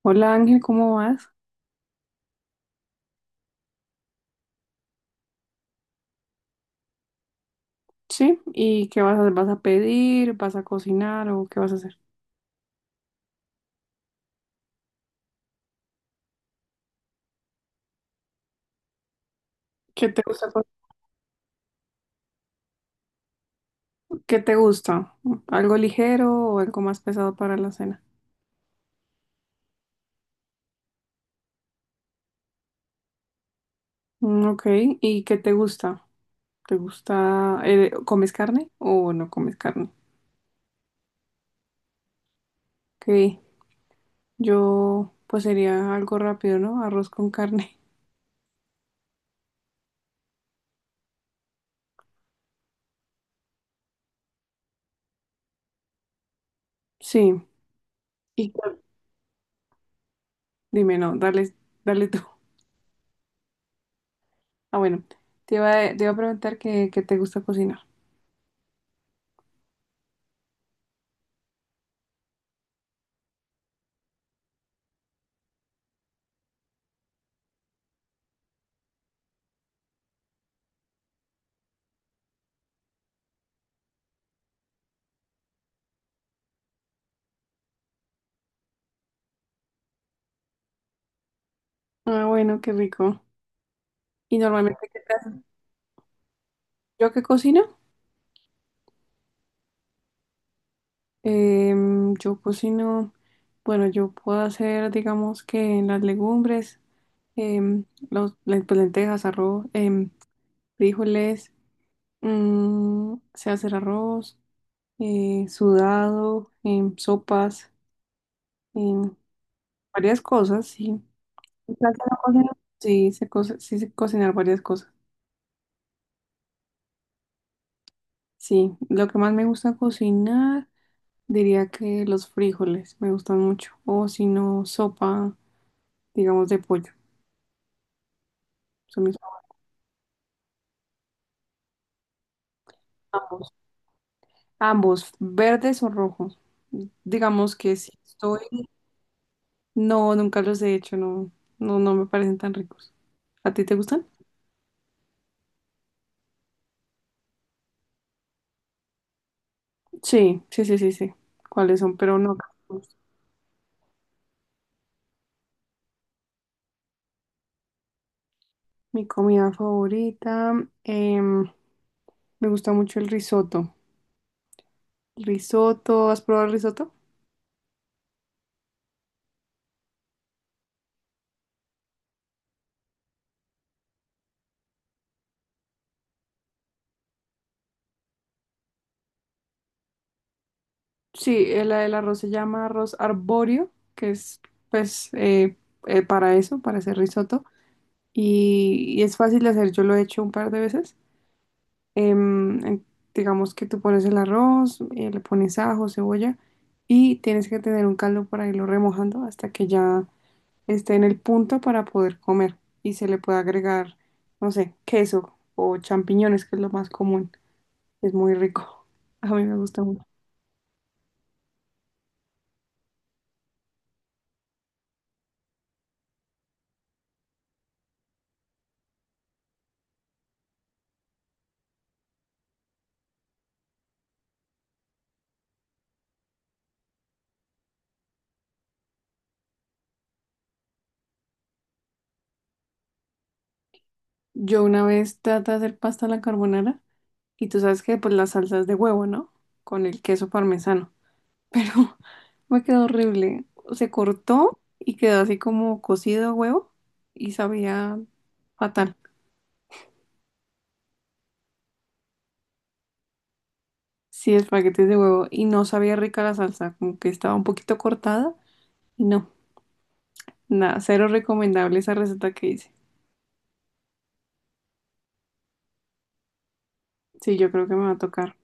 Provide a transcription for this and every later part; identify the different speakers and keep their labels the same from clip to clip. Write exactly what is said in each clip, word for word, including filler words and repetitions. Speaker 1: Hola Ángel, ¿cómo vas? Sí, ¿y qué vas a hacer? ¿Vas a pedir? ¿Vas a cocinar o qué vas a hacer? ¿Qué te gusta? co- ¿Qué te gusta? ¿Algo ligero o algo más pesado para la cena? Mm, ok. ¿Y qué te gusta? ¿Te gusta, eh, comes carne o no comes carne? Ok, yo pues sería algo rápido, ¿no? Arroz con carne. Sí, y dime, no, dale, dale tú. Ah, bueno, te iba, a- te iba a preguntar qué, qué te gusta cocinar. Ah, bueno, qué rico. Y normalmente, ¿qué te haces? ¿Yo qué cocino? Em, yo cocino, bueno, yo puedo hacer, digamos que las legumbres, em, los, le- pues, lentejas, arroz, em, frijoles, mm, sé hacer arroz, eh, sudado, em, sopas, em, varias cosas, sí. En casa no cocino. Sí, sé, co- sí sé cocinar varias cosas. Sí, lo que más me gusta cocinar, diría que los frijoles me gustan mucho. O si no, sopa, digamos, de pollo. Son mis ambos, verdes o rojos. Digamos que si estoy, no, nunca los he hecho, no, no, no me parecen tan ricos. ¿A ti te gustan? Sí, sí, sí, sí, sí. ¿Cuáles son? Pero no. Mi comida favorita, em, me gusta mucho el risotto. ¿Risotto? ¿Has probado el risotto? Sí, el, el arroz se llama arroz arbóreo, que es pues eh, eh, para eso, para hacer risotto. Y, y es fácil de hacer, yo lo he hecho un par de veces. Em, en- digamos que tú pones el arroz, eh, le pones ajo, cebolla y tienes que tener un caldo para irlo remojando hasta que ya esté en el punto para poder comer. Y se le puede agregar, no sé, queso o champiñones, que es lo más común. Es muy rico. A mí me gusta mucho. Yo una vez traté de hacer pasta a la carbonara. Y tú sabes que pues las salsas de huevo, ¿no? Con el queso parmesano. Pero me quedó horrible. Se cortó y quedó así como cocido a huevo y sabía fatal. Sí, espaguetis de huevo y no sabía rica la salsa, como que estaba un poquito cortada y no, nada, cero recomendable esa receta que hice. Sí, yo creo que me va a tocar.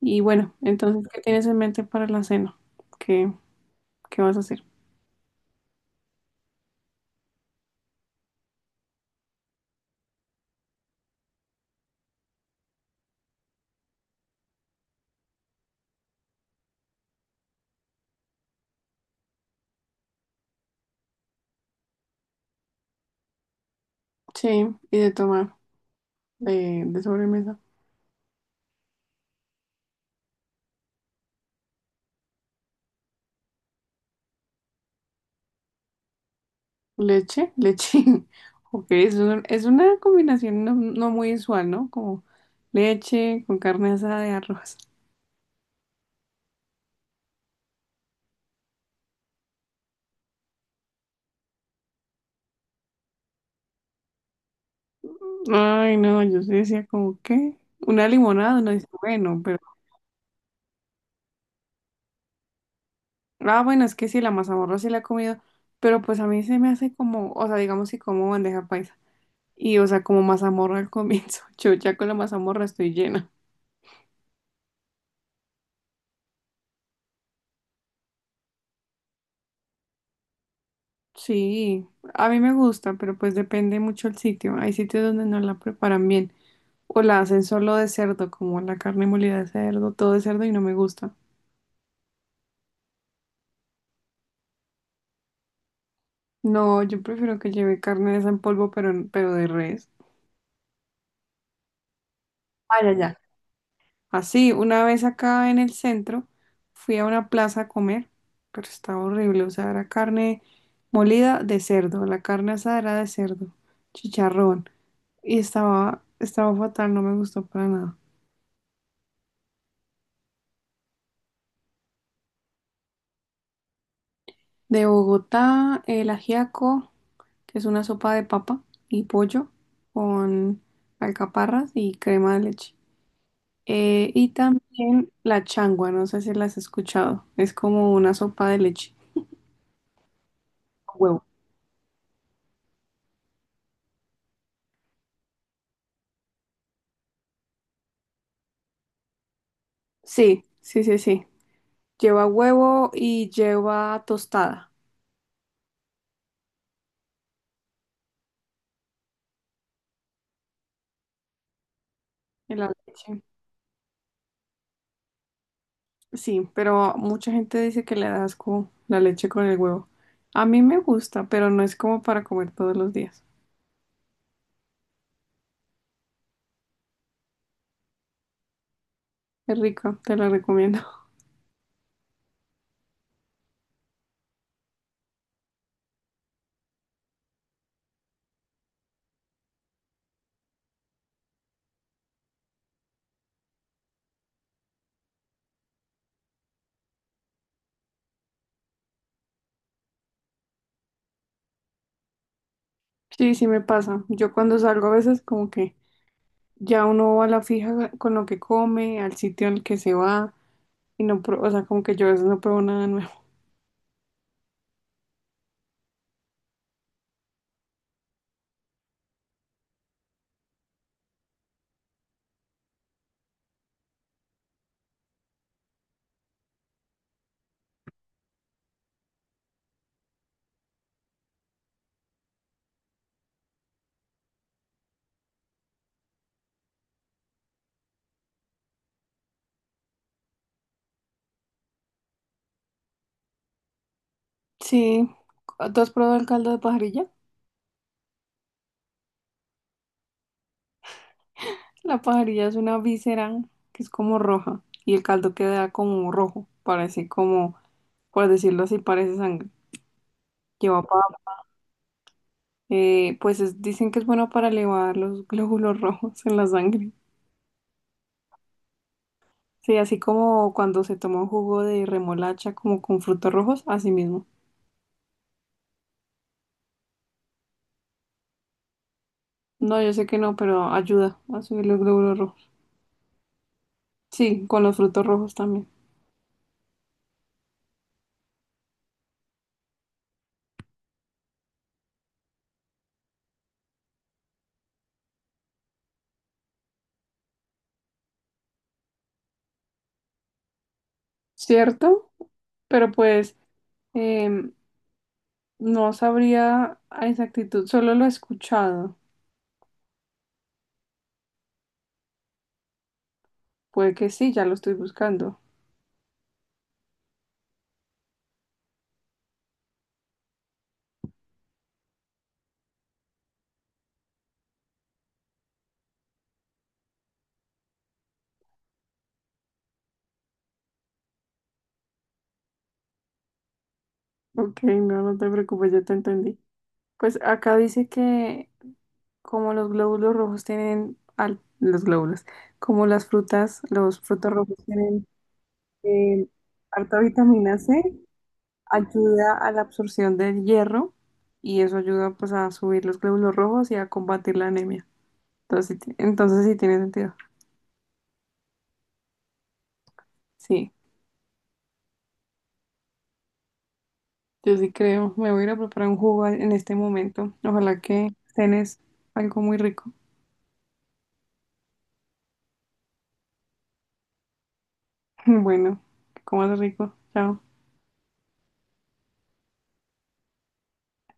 Speaker 1: Y bueno, entonces, ¿qué tienes en mente para la cena? ¿Qué, qué vas a hacer? Sí, y de tomar, de, de sobremesa. Leche, leche. Ok, es, un- es una combinación no, no muy usual, ¿no? Como leche con carne asada de arroz. Ay, no, yo sí decía como, ¿qué? Una limonada, uno dice, bueno, pero... Ah, bueno, es que sí, la mazamorra sí la he comido, pero pues a mí se me hace como, o sea, digamos si como bandeja paisa. Y, o sea, como mazamorra al comienzo. Yo ya con la mazamorra estoy llena. Sí, a mí me gusta, pero pues depende mucho el sitio. Hay sitios donde no la preparan bien. O la hacen solo de cerdo, como la carne molida de cerdo, todo de cerdo y no me gusta. No, yo prefiero que lleve carne de esa en polvo, pero, pero de res. Ah, ya, ya. Así, una vez acá en el centro, fui a una plaza a comer, pero estaba horrible. O sea, era carne molida de cerdo, la carne asada era de cerdo, chicharrón. Y estaba, estaba fatal, no me gustó para nada. De Bogotá, el ajiaco. Que es una sopa de papa y pollo con alcaparras y crema de leche. Eh, y también la changua, no sé si las has escuchado. Es como una sopa de leche. Con huevo. Sí, sí, sí, sí. Lleva huevo y lleva tostada en la leche. Sí, pero mucha gente dice que le da asco la leche con el huevo. A mí me gusta, pero no es como para comer todos los días. Es rico, te lo recomiendo. Sí, sí me pasa. Yo cuando salgo a veces como que ya uno va a la fija con lo que come, al sitio al que se va, y no, pro- o sea, como que yo a veces no pruebo nada nuevo. Sí, ¿tú has probado el caldo de pajarilla? La pajarilla es una víscera que es como roja, y el caldo queda como rojo, parece como, por decirlo así, parece sangre. Lleva papa, eh, pues es- dicen que es bueno para elevar los glóbulos rojos en la sangre. Sí, así como cuando se toma un jugo de remolacha como con frutos rojos, así mismo. No, yo sé que no, pero ayuda a subir los glóbulos rojos. Sí, con los frutos rojos también. ¿Cierto? Pero pues em, no sabría a exactitud, solo lo he escuchado. Puede que sí, ya lo estoy buscando. Ok, no, no te preocupes, yo te entendí. Pues acá dice que como los glóbulos rojos tienen, al- los glóbulos, como las frutas, los frutos rojos tienen em, harta vitamina C, ayuda a la absorción del hierro y eso ayuda pues a subir los glóbulos rojos y a combatir la anemia. Entonces, sí ti- entonces sí tiene sentido. Sí, yo sí creo. Me voy a ir a preparar un jugo en este momento. Ojalá que cenes algo muy rico. Bueno, que comas rico. Chao.